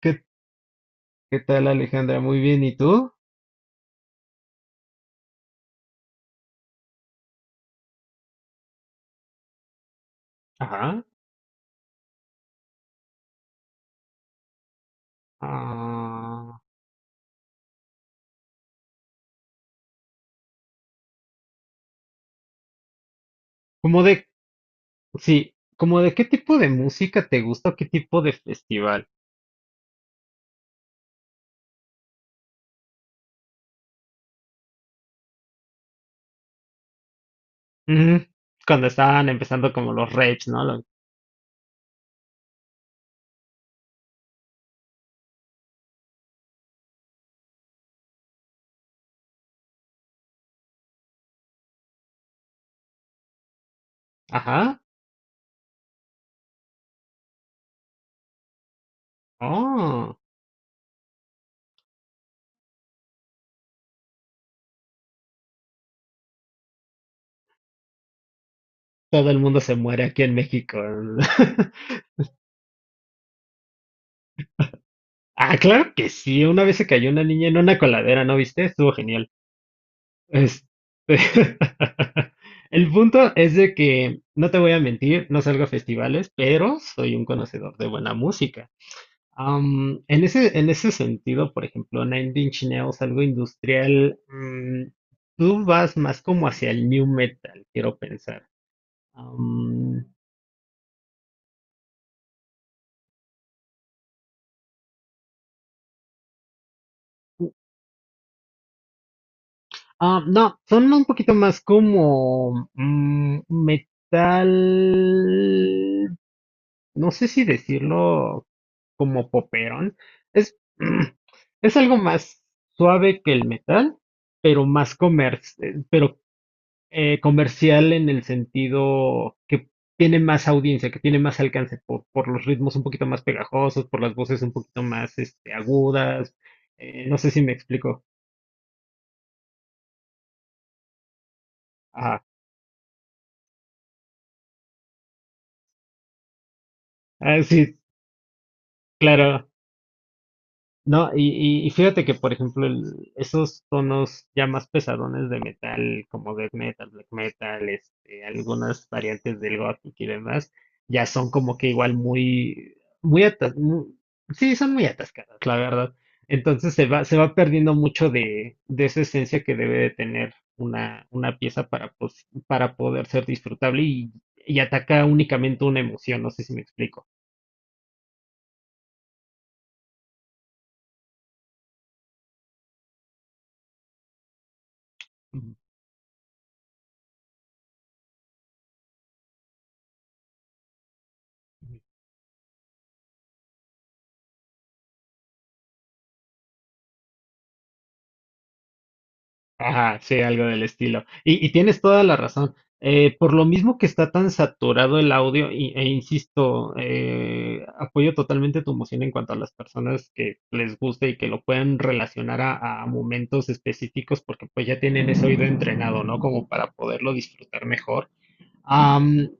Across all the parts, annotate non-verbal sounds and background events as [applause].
¿Qué, qué tal, Alejandra? Muy bien, ¿y tú? Ajá. Ah, ¿cómo de, sí, como de qué tipo de música te gusta o qué tipo de festival? Mm, cuando estaban empezando como los raves, ¿no? Ajá. Oh, todo el mundo se muere aquí en México. [laughs] Ah, claro que sí. Una vez se cayó una niña en una coladera, ¿no viste? Estuvo genial. Este, [laughs] El punto es de que, no te voy a mentir, no salgo a festivales, pero soy un conocedor de buena música. En ese sentido, por ejemplo, Nine Inch Nails, algo industrial, tú vas más como hacia el new metal, quiero pensar. Am, no, son un poquito más como metal, no sé si decirlo como poperón. Es, [clears throat] mm, es algo más suave que el metal, pero pero comercial en el sentido que tiene más audiencia, que tiene más alcance por los ritmos un poquito más pegajosos, por las voces un poquito más agudas. No sé si me explico. Ajá. Ah, sí, claro. No, y fíjate que, por ejemplo, esos tonos ya más pesadones de metal, como death metal, black metal, este, algunas variantes del gothic y demás, ya son como que igual muy atas, mu- sí, son muy atascadas, la verdad. Entonces se va perdiendo mucho de esa esencia que debe de tener una pieza para, para poder ser disfrutable y ataca únicamente una emoción, no sé si me explico. Ajá, sí, algo del estilo. Y tienes toda la razón. Por lo mismo que está tan saturado el audio, e insisto, apoyo totalmente tu emoción en cuanto a las personas que les guste y que lo puedan relacionar a momentos específicos, porque pues ya tienen ese oído entrenado, ¿no? Como para poderlo disfrutar mejor. Am,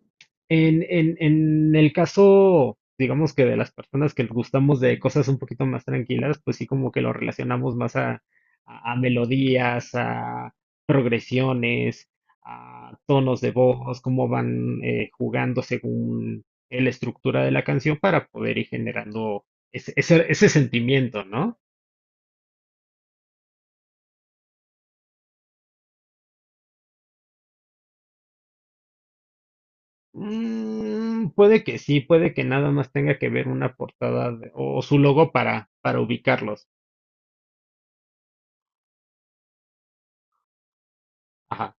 en el caso, digamos que de las personas que gustamos de cosas un poquito más tranquilas, pues sí como que lo relacionamos más a, a melodías, a progresiones, a tonos de voz, cómo van jugando según la estructura de la canción para poder ir generando ese sentimiento, ¿no? Mm, puede que sí, puede que nada más tenga que ver una portada o su logo para ubicarlos. Ajá.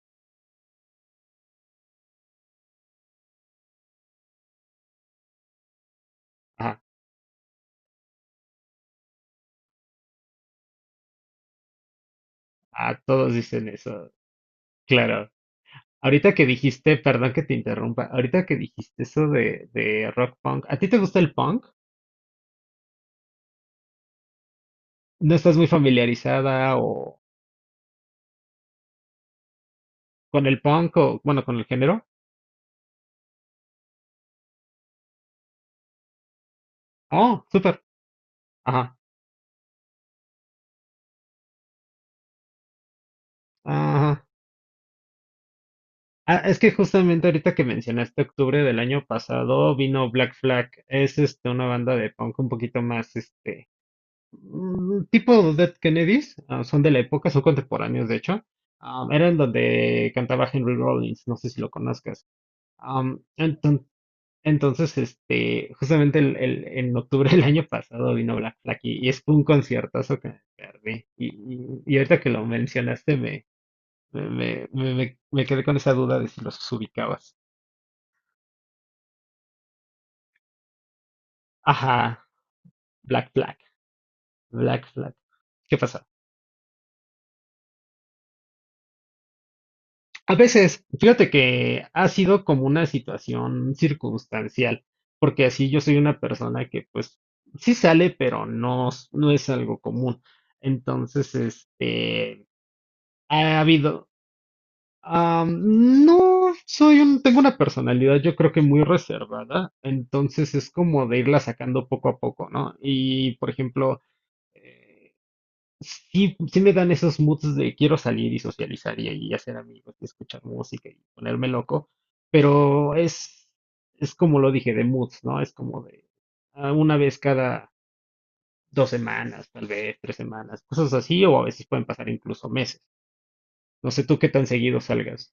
Ah, ah, todos dicen eso, claro. Ahorita que dijiste, perdón que te interrumpa, ahorita que dijiste eso de rock punk, ¿a ti te gusta el punk? ¿No estás muy familiarizada o con el punk o, bueno, con el género? Oh, súper. Ajá. Ajá. Ah, es que justamente ahorita que mencionaste octubre del año pasado vino Black Flag. Es este una banda de punk un poquito más este, tipo Dead Kennedys, ah, son de la época, son contemporáneos de hecho. Eran donde cantaba Henry Rollins, no sé si lo conozcas. Am, enton- entonces, este, justamente en octubre del año pasado vino Black Flag y es un conciertazo que me perdí. Y ahorita que lo mencionaste me quedé con esa duda de si los ubicabas. Ajá, Black Flag, Black Flag. ¿Qué pasa? A veces, fíjate que ha sido como una situación circunstancial, porque así yo soy una persona que pues sí sale, pero no es algo común. Entonces, este, ha habido, no soy un, tengo una personalidad yo creo que muy reservada, entonces es como de irla sacando poco a poco, ¿no? Y por ejemplo, eh, sí me dan esos moods de quiero salir y socializar y hacer amigos y escuchar música y ponerme loco, pero es como lo dije, de moods, ¿no? Es como de una vez cada dos semanas, tal vez tres semanas, cosas así, o a veces pueden pasar incluso meses. No sé tú qué tan seguido salgas.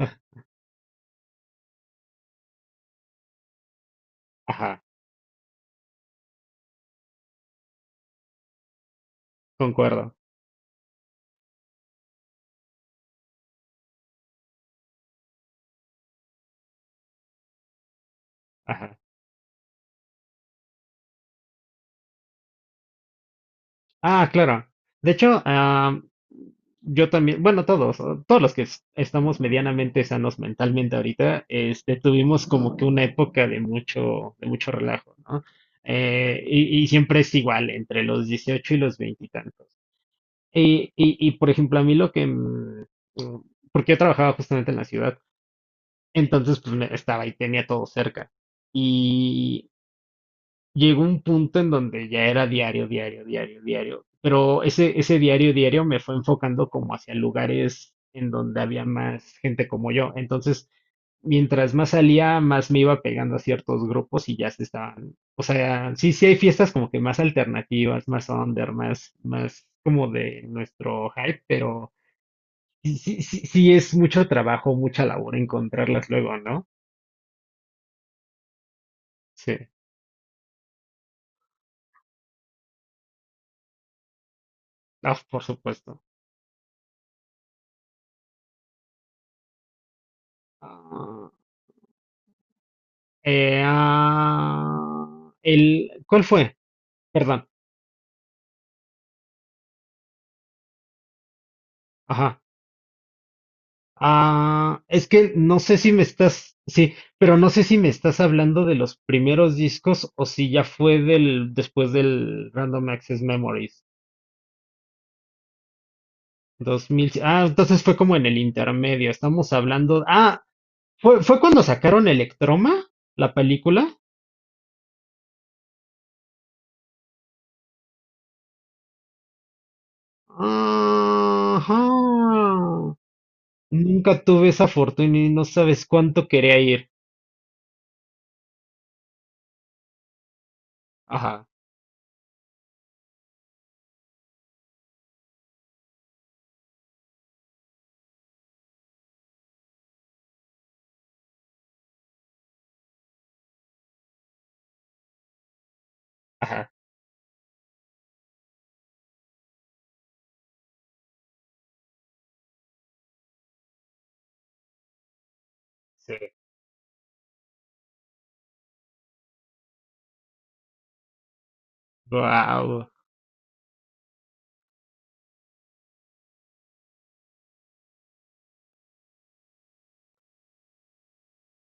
[laughs] Ajá, concuerdo. Ajá. Ah, claro. De hecho, yo también, bueno, todos, o todos los que estamos medianamente sanos mentalmente ahorita, este, tuvimos como que una época de mucho relajo, ¿no? Y siempre es igual, entre los 18 y los 20 y tantos. Y por ejemplo, a mí lo que, mm, porque yo trabajaba justamente en la ciudad, entonces estaba y tenía todo cerca llegó un punto en donde ya era diario, diario, diario, diario. Pero ese diario, diario me fue enfocando como hacia lugares en donde había más gente como yo. Entonces, mientras más salía, más me iba pegando a ciertos grupos y ya se estaban. O sea, sí hay fiestas como que más alternativas, más under, más como de nuestro hype, pero sí, es mucho trabajo, mucha labor encontrarlas luego, ¿no? Sí, ah, por supuesto. Ah, Eh, ah, ¿Cuál fue? Perdón. Ajá. Ah, es que no sé si me estás, sí, pero no sé si me estás hablando de los primeros discos o si ya fue después del Random Access Memories. 2000, ah, entonces fue como en el intermedio. Estamos hablando, fue cuando sacaron Electroma, la película. Ajá. Nunca tuve esa fortuna y no sabes cuánto quería ir. Ajá, ajá. Sí. Wow.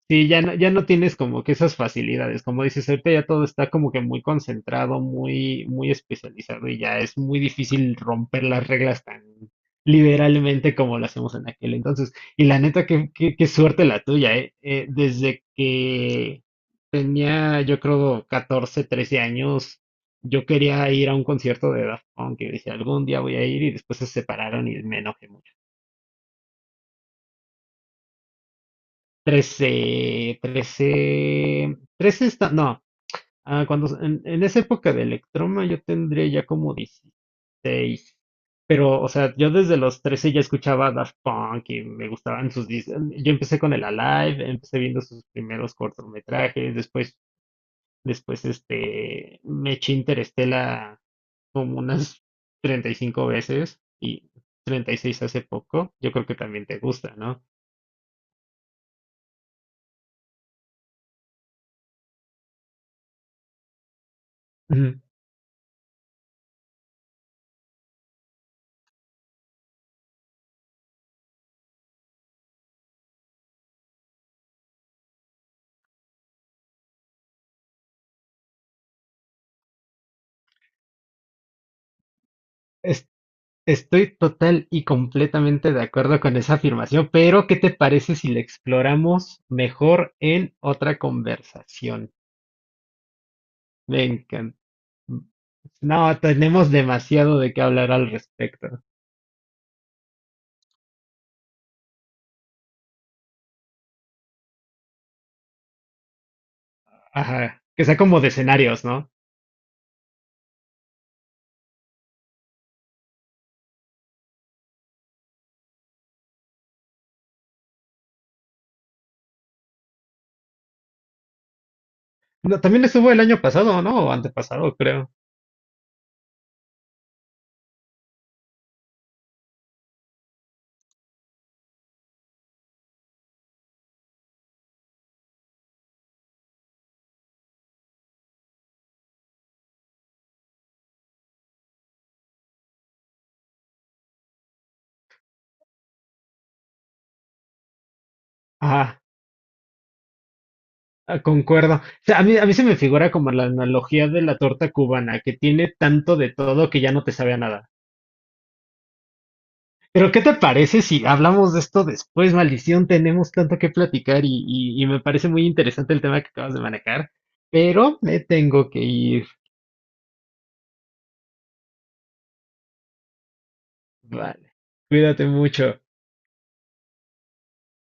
Sí, ya no tienes como que esas facilidades. Como dices, ahorita ya todo está como que muy concentrado, muy especializado y ya es muy difícil romper las reglas tan liberalmente como lo hacemos en aquel entonces. Y la neta, qué suerte la tuya, ¿eh? Desde que tenía, yo creo, 14, 13 años, yo quería ir a un concierto de Daft Punk y decía, algún día voy a ir y después se separaron y me enojé trece está, no, en esa época de Electroma yo tendría ya como 16, pero, o sea, yo desde los 13 ya escuchaba Daft Punk y me gustaban sus discos, yo empecé con el Alive, empecé viendo sus primeros cortometrajes, después, este, me eché Interestela como unas 35 veces y 36 hace poco, yo creo que también te gusta, ¿no? Ujú. Estoy total y completamente de acuerdo con esa afirmación, pero ¿qué te parece si la exploramos mejor en otra conversación? Me encanta. No, tenemos demasiado de qué hablar al respecto. Ajá, que sea como de escenarios, ¿no? No, también estuvo el año pasado, ¿no? O antepasado, creo. Ajá, ah, concuerdo. O sea, a mí se me figura como la analogía de la torta cubana, que tiene tanto de todo que ya no te sabe a nada. Pero ¿qué te parece si hablamos de esto después? Maldición, tenemos tanto que platicar y me parece muy interesante el tema que acabas de manejar, pero me tengo que ir. Vale, cuídate mucho.